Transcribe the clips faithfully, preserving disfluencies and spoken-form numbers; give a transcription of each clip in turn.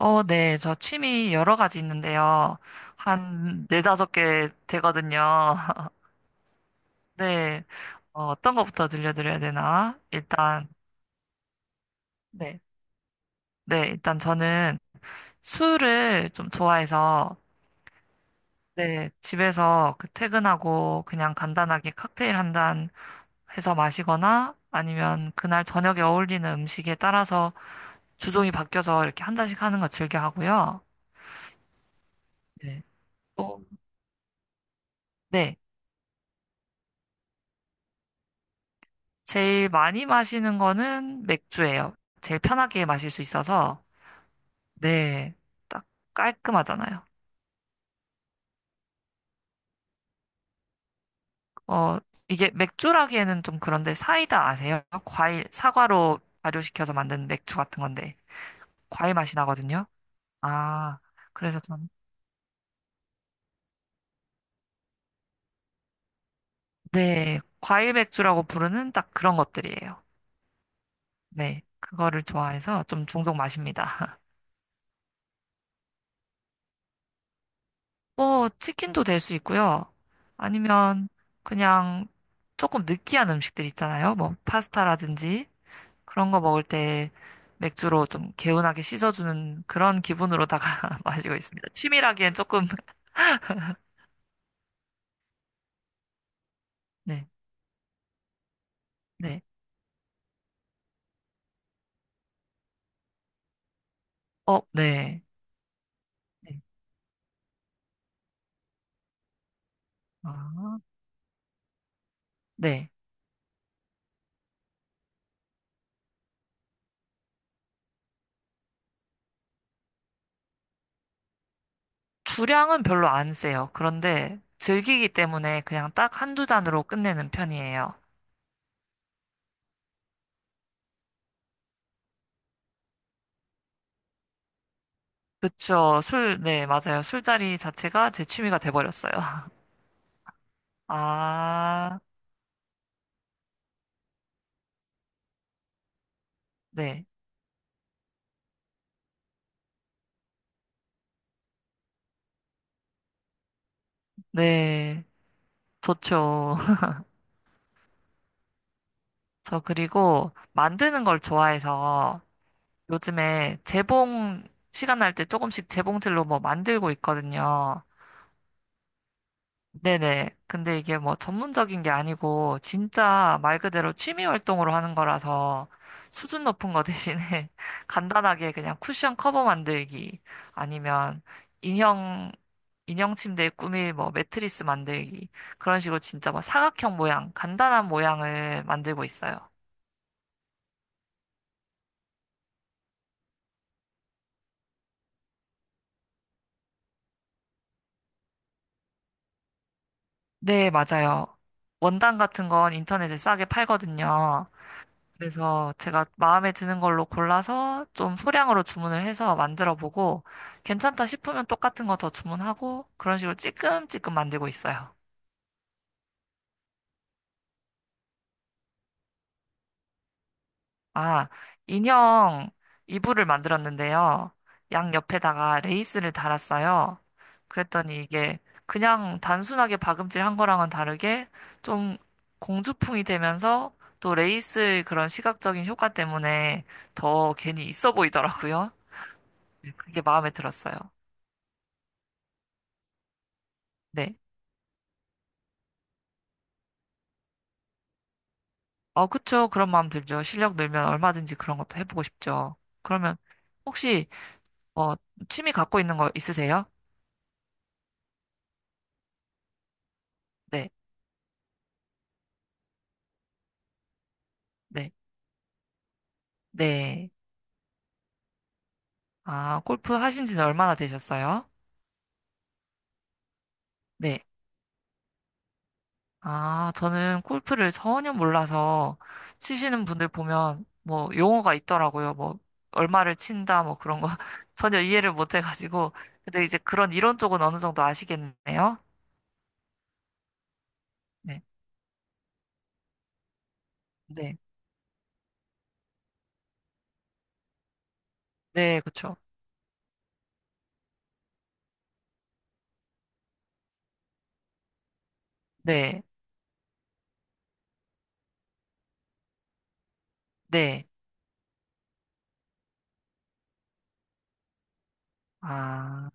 어, 네. 저 취미 여러 가지 있는데요. 한 네다섯 개 되거든요. 네. 어, 떤 거부터 들려드려야 되나? 일단, 네. 네. 일단 저는 술을 좀 좋아해서, 네. 집에서 그 퇴근하고 그냥 간단하게 칵테일 한 잔 해서 마시거나 아니면 그날 저녁에 어울리는 음식에 따라서 주종이 바뀌어서 이렇게 한 잔씩 하는 거 즐겨 하고요. 네. 또, 네. 제일 많이 마시는 거는 맥주예요. 제일 편하게 마실 수 있어서, 네, 딱 깔끔하잖아요. 어, 이게 맥주라기에는 좀 그런데 사이다 아세요? 과일, 사과로 발효시켜서 만든 맥주 같은 건데, 과일 맛이 나거든요. 아, 그래서 전, 네, 과일 맥주라고 부르는 딱 그런 것들이에요. 네, 그거를 좋아해서 좀 종종 마십니다. 뭐, 치킨도 될 수 있고요. 아니면 그냥 조금 느끼한 음식들 있잖아요. 뭐, 파스타라든지 그런 거 먹을 때 맥주로 좀 개운하게 씻어주는 그런 기분으로다가 마시고 있습니다. 취미라기엔 조금, 네, 네. 어, 네. 네. 아, 네. 주량은 별로 안 세요. 그런데 즐기기 때문에 그냥 딱 한두 잔으로 끝내는 편이에요. 그쵸. 술, 네, 맞아요. 술자리 자체가 제 취미가 돼버렸어요. 아, 네. 네, 좋죠. 저 그리고 만드는 걸 좋아해서 요즘에 재봉 시간 날 때 조금씩 재봉틀로 뭐 만들고 있거든요. 네네. 근데 이게 뭐 전문적인 게 아니고 진짜 말 그대로 취미 활동으로 하는 거라서 수준 높은 거 대신에 간단하게 그냥 쿠션 커버 만들기 아니면 인형 인형 침대 꾸밀 뭐 매트리스 만들기 그런 식으로 진짜 뭐 사각형 모양 간단한 모양을 만들고 있어요. 네, 맞아요. 원단 같은 건 인터넷에 싸게 팔거든요. 그래서 제가 마음에 드는 걸로 골라서 좀 소량으로 주문을 해서 만들어 보고 괜찮다 싶으면 똑같은 거 더 주문하고 그런 식으로 찔끔찔끔 만들고 있어요. 아, 인형 이불을 만들었는데요. 양 옆에다가 레이스를 달았어요. 그랬더니 이게 그냥 단순하게 박음질 한 거랑은 다르게 좀 공주풍이 되면서 또 레이스의 그런 시각적인 효과 때문에 더 괜히 있어 보이더라고요. 그게 마음에 들었어요. 네. 어, 그쵸. 그런 마음 들죠. 실력 늘면 얼마든지 그런 것도 해보고 싶죠. 그러면 혹시, 어, 취미 갖고 있는 거 있으세요? 네, 네, 네. 아, 골프 하신 지는 얼마나 되셨어요? 네. 아, 저는 골프를 전혀 몰라서 치시는 분들 보면 뭐 용어가 있더라고요. 뭐, 얼마를 친다, 뭐 그런 거 전혀 이해를 못 해가지고. 근데 이제 그런 이론 쪽은 어느 정도 아시겠네요? 네, 네, 네, 그쵸. 네, 네. 아,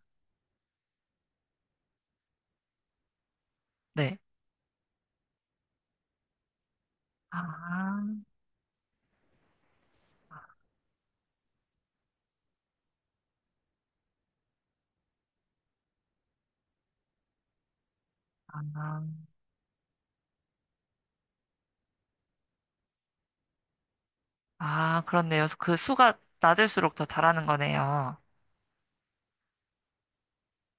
네. 아, 아, 아, 그렇네요. 그 수가 낮을수록 더 잘하는 거네요.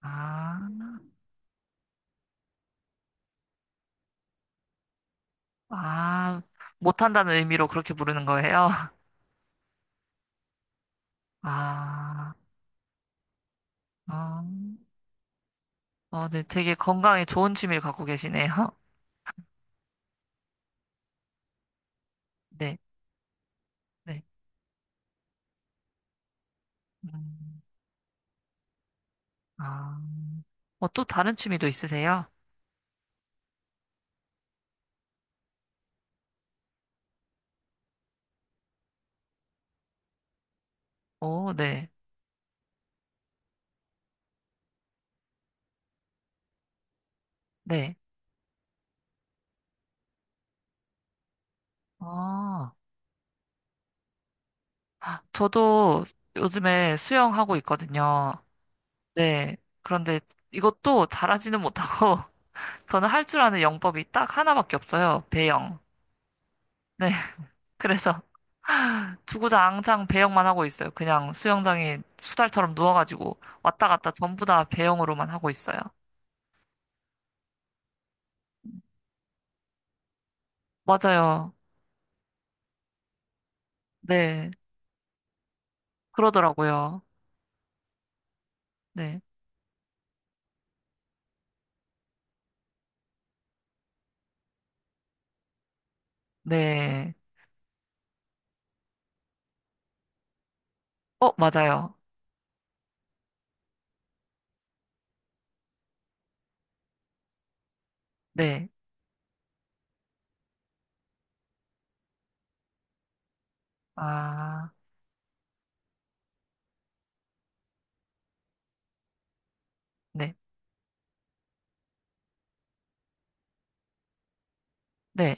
아, 아, 못한다는 의미로 그렇게 부르는 거예요? 아, 어, 어, 네, 되게 건강에 좋은 취미를 갖고 계시네요. 네, 네. 음, 아, 어, 또 다른 취미도 있으세요? 오, 네, 네. 아 저도 요즘에 수영하고 있거든요. 네. 그런데 이것도 잘하지는 못하고 저는 할 줄 아는 영법이 딱 하나밖에 없어요. 배영. 네. 그래서 주구장창 배영만 하고 있어요. 그냥 수영장에 수달처럼 누워가지고 왔다 갔다 전부 다 배영으로만 하고 있어요. 맞아요. 네. 그러더라고요. 네. 네. 어, 맞아요. 네. 아, 네. 네.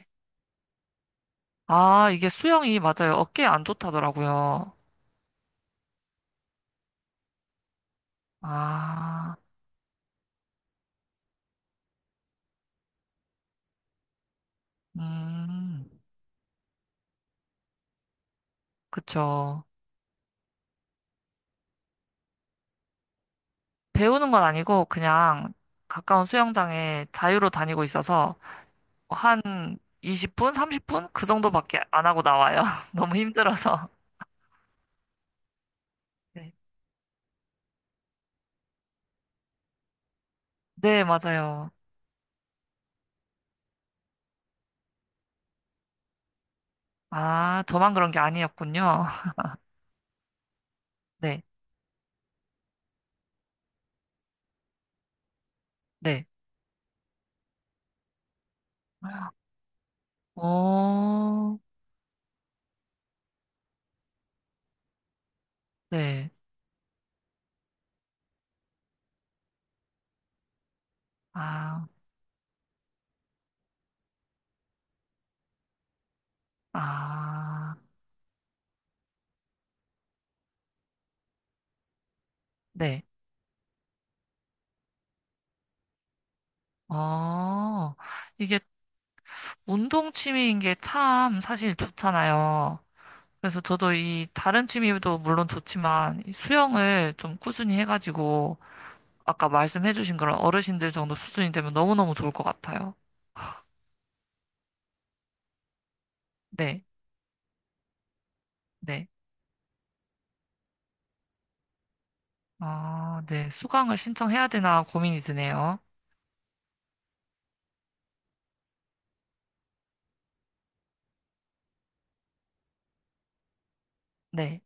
아, 이게 수영이 맞아요. 어깨에 안 좋다더라고요. 아, 음, 그쵸. 배우는 건 아니고 그냥 가까운 수영장에 자유로 다니고 있어서 한 이십 분, 삼십 분 그 정도밖에 안 하고 나와요. 너무 힘들어서. 네. 네, 맞아요. 아, 저만 그런 게 아니었군요. 네, 네. 어, 네. 아, 아, 네. 어, 이게 운동 취미인 게 참 사실 좋잖아요. 그래서 저도 이 다른 취미도 물론 좋지만 이 수영을 좀 꾸준히 해가지고 아까 말씀해주신 그런 어르신들 정도 수준이 되면 너무너무 좋을 것 같아요. 네, 네. 아, 네. 수강을 신청해야 되나 고민이 드네요. 네,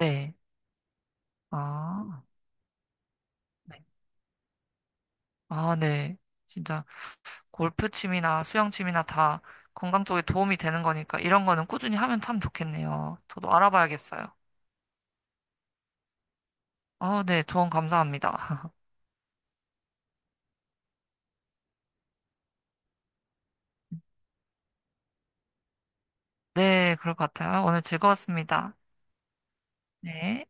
네. 아, 네. 아, 네. 진짜 골프 취미나 수영 취미나 다 건강 쪽에 도움이 되는 거니까 이런 거는 꾸준히 하면 참 좋겠네요. 저도 알아봐야겠어요. 아, 네. 조언 감사합니다. 네, 그럴 것 같아요. 오늘 즐거웠습니다. 네.